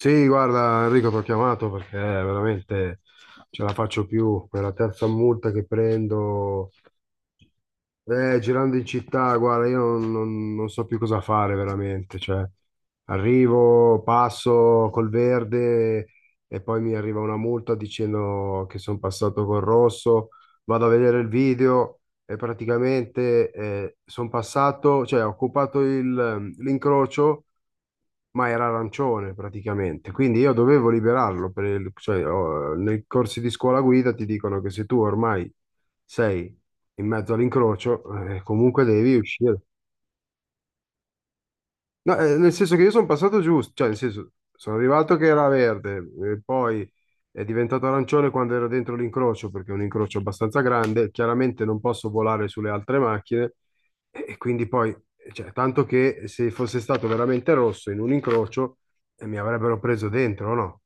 Sì, guarda Enrico, ti ho chiamato perché veramente ce la faccio più. Per la terza multa che prendo, girando in città, guarda, io non so più cosa fare veramente. Cioè, arrivo, passo col verde e poi mi arriva una multa dicendo che sono passato col rosso. Vado a vedere il video e praticamente sono passato, cioè ho occupato l'incrocio, ma era arancione praticamente, quindi io dovevo liberarlo. Cioè, oh, nei corsi di scuola guida ti dicono che se tu ormai sei in mezzo all'incrocio, comunque devi uscire. No, nel senso che io sono passato giusto, cioè nel senso sono arrivato che era verde, e poi è diventato arancione quando ero dentro l'incrocio, perché è un incrocio abbastanza grande, chiaramente non posso volare sulle altre macchine e quindi poi, cioè, tanto che se fosse stato veramente rosso in un incrocio mi avrebbero preso dentro, no?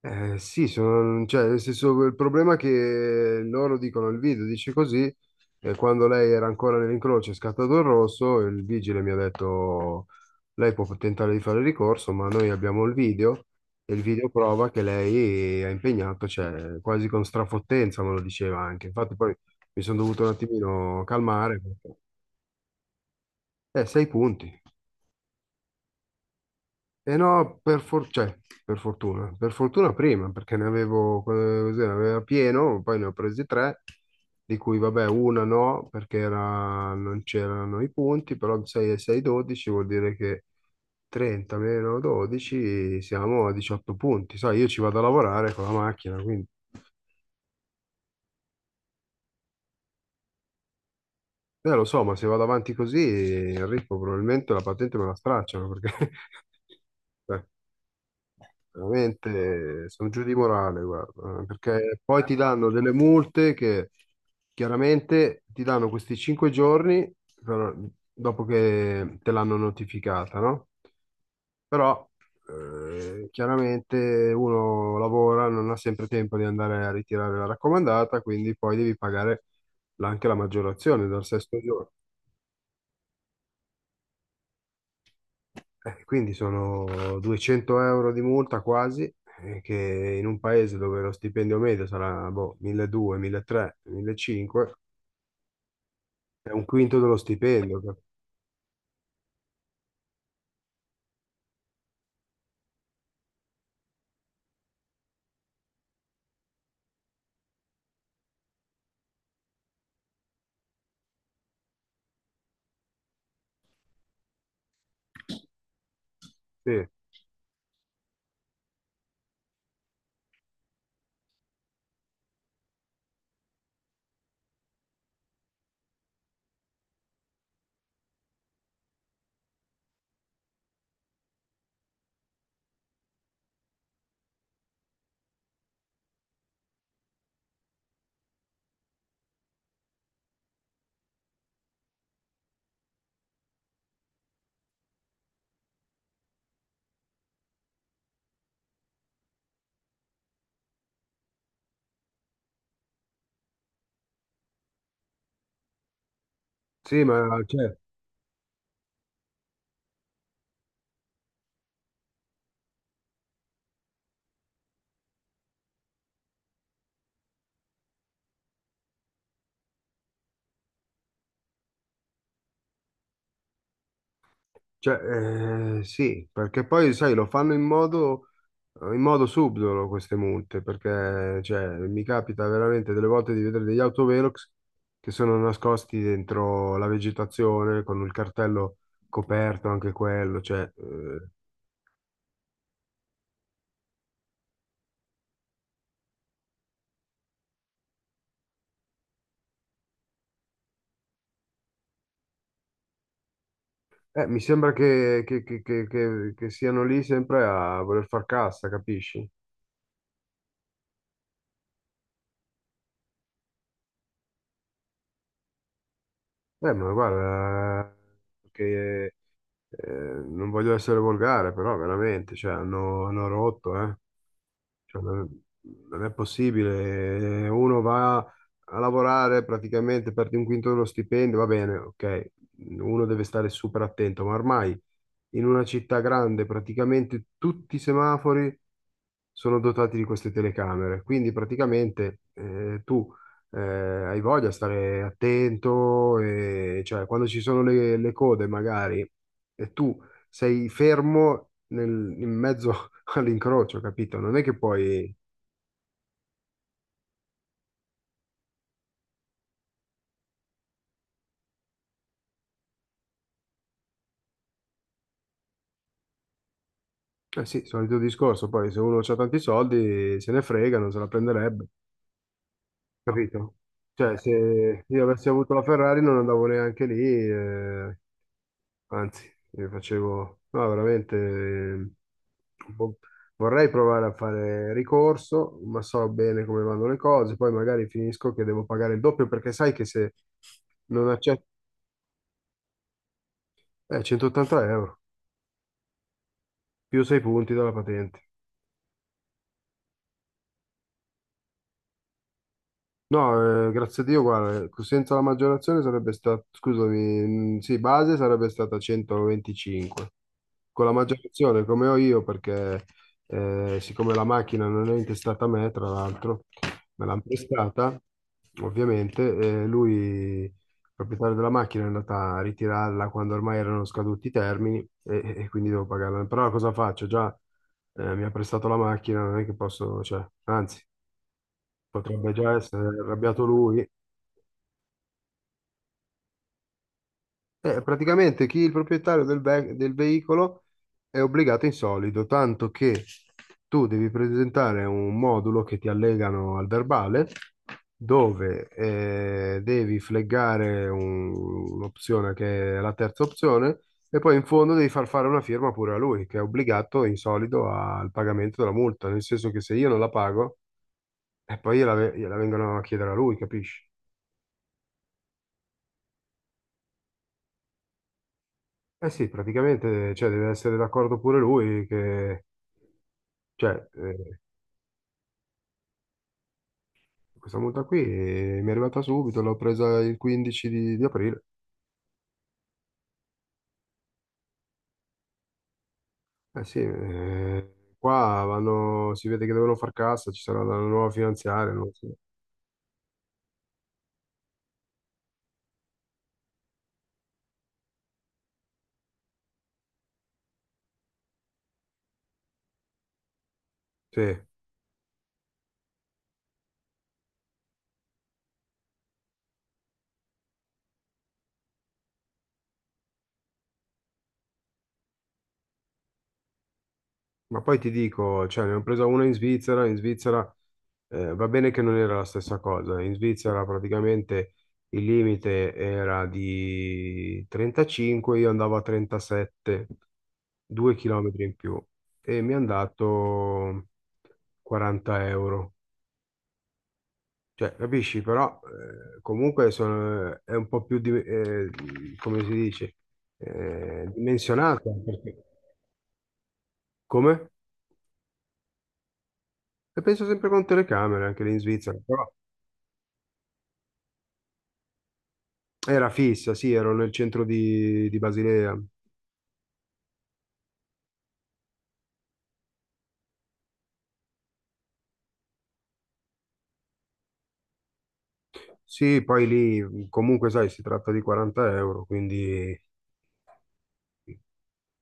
Sì, sono, cioè, nel senso, il problema è che loro dicono, il video dice così, e quando lei era ancora nell'incrocio e è scattato il rosso, il vigile mi ha detto: lei può tentare di fare ricorso, ma noi abbiamo il video, e il video prova che lei ha impegnato, cioè, quasi con strafottenza me lo diceva anche. Infatti poi mi sono dovuto un attimino calmare, perché, sei punti. E no, cioè, per fortuna prima, perché ne avevo, così, ne aveva pieno, poi ne ho presi tre, di cui vabbè una no, perché non c'erano i punti, però 6 e 6, 12 vuol dire che 30 meno 12 siamo a 18 punti, sai, io ci vado a lavorare con la macchina, quindi... lo so, ma se vado avanti così, Enrico, probabilmente la patente me la stracciano, perché... Veramente sono giù di morale, guarda, perché poi ti danno delle multe che chiaramente ti danno questi 5 giorni, però, dopo che te l'hanno notificata, no? Però chiaramente uno lavora, non ha sempre tempo di andare a ritirare la raccomandata, quindi poi devi pagare anche la maggiorazione dal sesto giorno. Quindi sono 200 € di multa quasi, che in un paese dove lo stipendio medio sarà boh, 1.200, 1.300, 1.500, è un quinto dello stipendio. Sì, sì, ma cioè, sì, perché poi sai, lo fanno in modo subdolo queste multe, perché cioè, mi capita veramente delle volte di vedere degli autovelox che sono nascosti dentro la vegetazione con il cartello coperto anche quello, cioè... eh. Mi sembra che, che siano lì sempre a voler far cassa, capisci? Ma guarda, che eh, non voglio essere volgare, però veramente, cioè, hanno rotto, eh. Cioè, non è possibile. Uno va a lavorare praticamente per un quinto dello stipendio, va bene, ok. Uno deve stare super attento, ma ormai in una città grande praticamente tutti i semafori sono dotati di queste telecamere. Quindi praticamente tu hai voglia di stare attento, e, cioè quando ci sono le code magari e tu sei fermo in mezzo all'incrocio, capito? Non è che poi... Eh sì, solito discorso, poi se uno ha tanti soldi se ne frega, non se la prenderebbe, capito? Cioè, se io avessi avuto la Ferrari non andavo neanche lì, anzi, io facevo, no, veramente, un po'- vorrei provare a fare ricorso, ma so bene come vanno le cose, poi magari finisco che devo pagare il doppio perché sai che se non accetto, 180 euro, più 6 punti dalla patente. No, grazie a Dio, guarda, senza la maggiorazione sarebbe stata, scusami, sì, base sarebbe stata 125. Con la maggiorazione, come ho io, perché siccome la macchina non è intestata a me, tra l'altro, me l'hanno prestata, ovviamente, lui, il proprietario della macchina, è andato a ritirarla quando ormai erano scaduti i termini e quindi devo pagarla. Però cosa faccio? Già mi ha prestato la macchina, non è che posso, cioè, anzi potrebbe già essere arrabbiato lui. Praticamente chi è il proprietario del veicolo è obbligato in solido, tanto che tu devi presentare un modulo che ti allegano al verbale, dove devi fleggare un'opzione che è la terza opzione, e poi in fondo devi far fare una firma pure a lui, che è obbligato in solido al pagamento della multa, nel senso che se io non la pago, e poi gliela vengono a chiedere a lui, capisci? Eh sì, praticamente, cioè, deve essere d'accordo pure lui che, cioè, questa multa qui mi è arrivata subito, l'ho presa il 15 di aprile. Eh sì, qua vanno, si vede che devono far cassa, ci sarà la nuova finanziaria, non lo so. Sì. Ma poi ti dico, cioè, ne ho presa una in Svizzera va bene che non era la stessa cosa, in Svizzera praticamente il limite era di 35, io andavo a 37, 2 chilometri in più e mi hanno dato 40 euro. Cioè, capisci, però comunque è un po' più, come si dice, dimensionata. Come? E penso sempre con telecamere anche lì in Svizzera, però era fissa, sì, ero nel centro di Basilea. Sì, poi lì comunque, sai, si tratta di 40 euro, quindi,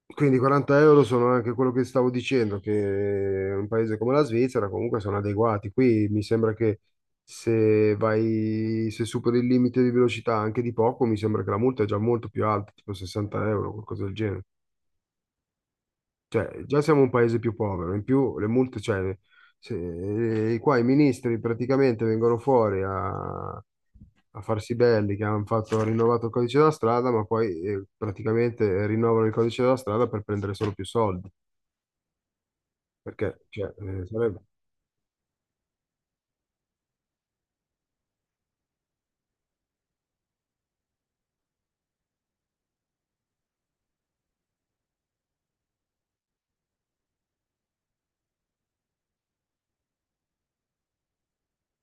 40 € sono anche quello che stavo dicendo, che in un paese come la Svizzera comunque sono adeguati. Qui mi sembra che se superi il limite di velocità anche di poco, mi sembra che la multa è già molto più alta, tipo 60 euro, qualcosa del genere. Cioè, già siamo un paese più povero, in più le multe, cioè, qua i ministri praticamente vengono fuori a farsi belli che hanno fatto, rinnovato il codice della strada, ma poi praticamente rinnovano il codice della strada per prendere solo più soldi. Perché, cioè, sarebbe...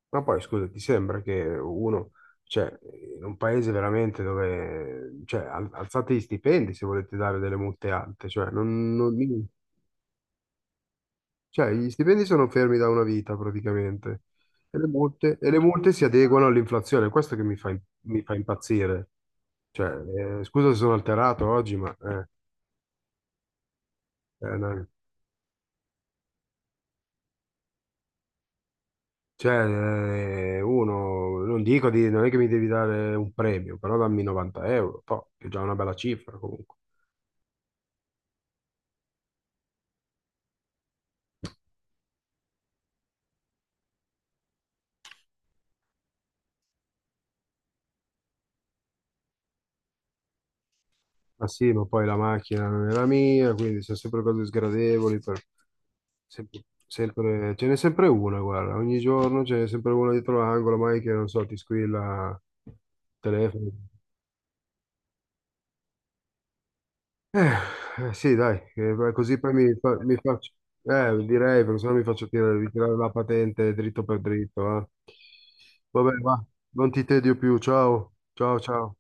Ma poi, scusa, ti sembra che uno, cioè, in un paese veramente dove, cioè, alzate gli stipendi se volete dare delle multe alte, cioè, non, non- Cioè, gli stipendi sono fermi da una vita praticamente e le multe si adeguano all'inflazione, questo che mi fa impazzire. Cioè, scusa se sono alterato oggi, ma no. Cioè, uno, non dico di, non è che mi devi dare un premio, però dammi 90 euro, toh, che è già una bella cifra comunque. Ma sì, ma poi la macchina non è la mia, quindi sono sempre cose sgradevoli. Ce n'è sempre una, guarda, ogni giorno ce n'è sempre una dietro l'angolo, mai che non so, ti squilla il telefono. Eh, eh, sì, dai, beh, così poi mi faccio, direi, perché sennò mi faccio ritirare la patente dritto per dritto, eh. Vabbè, va, non ti tedio più, ciao, ciao, ciao.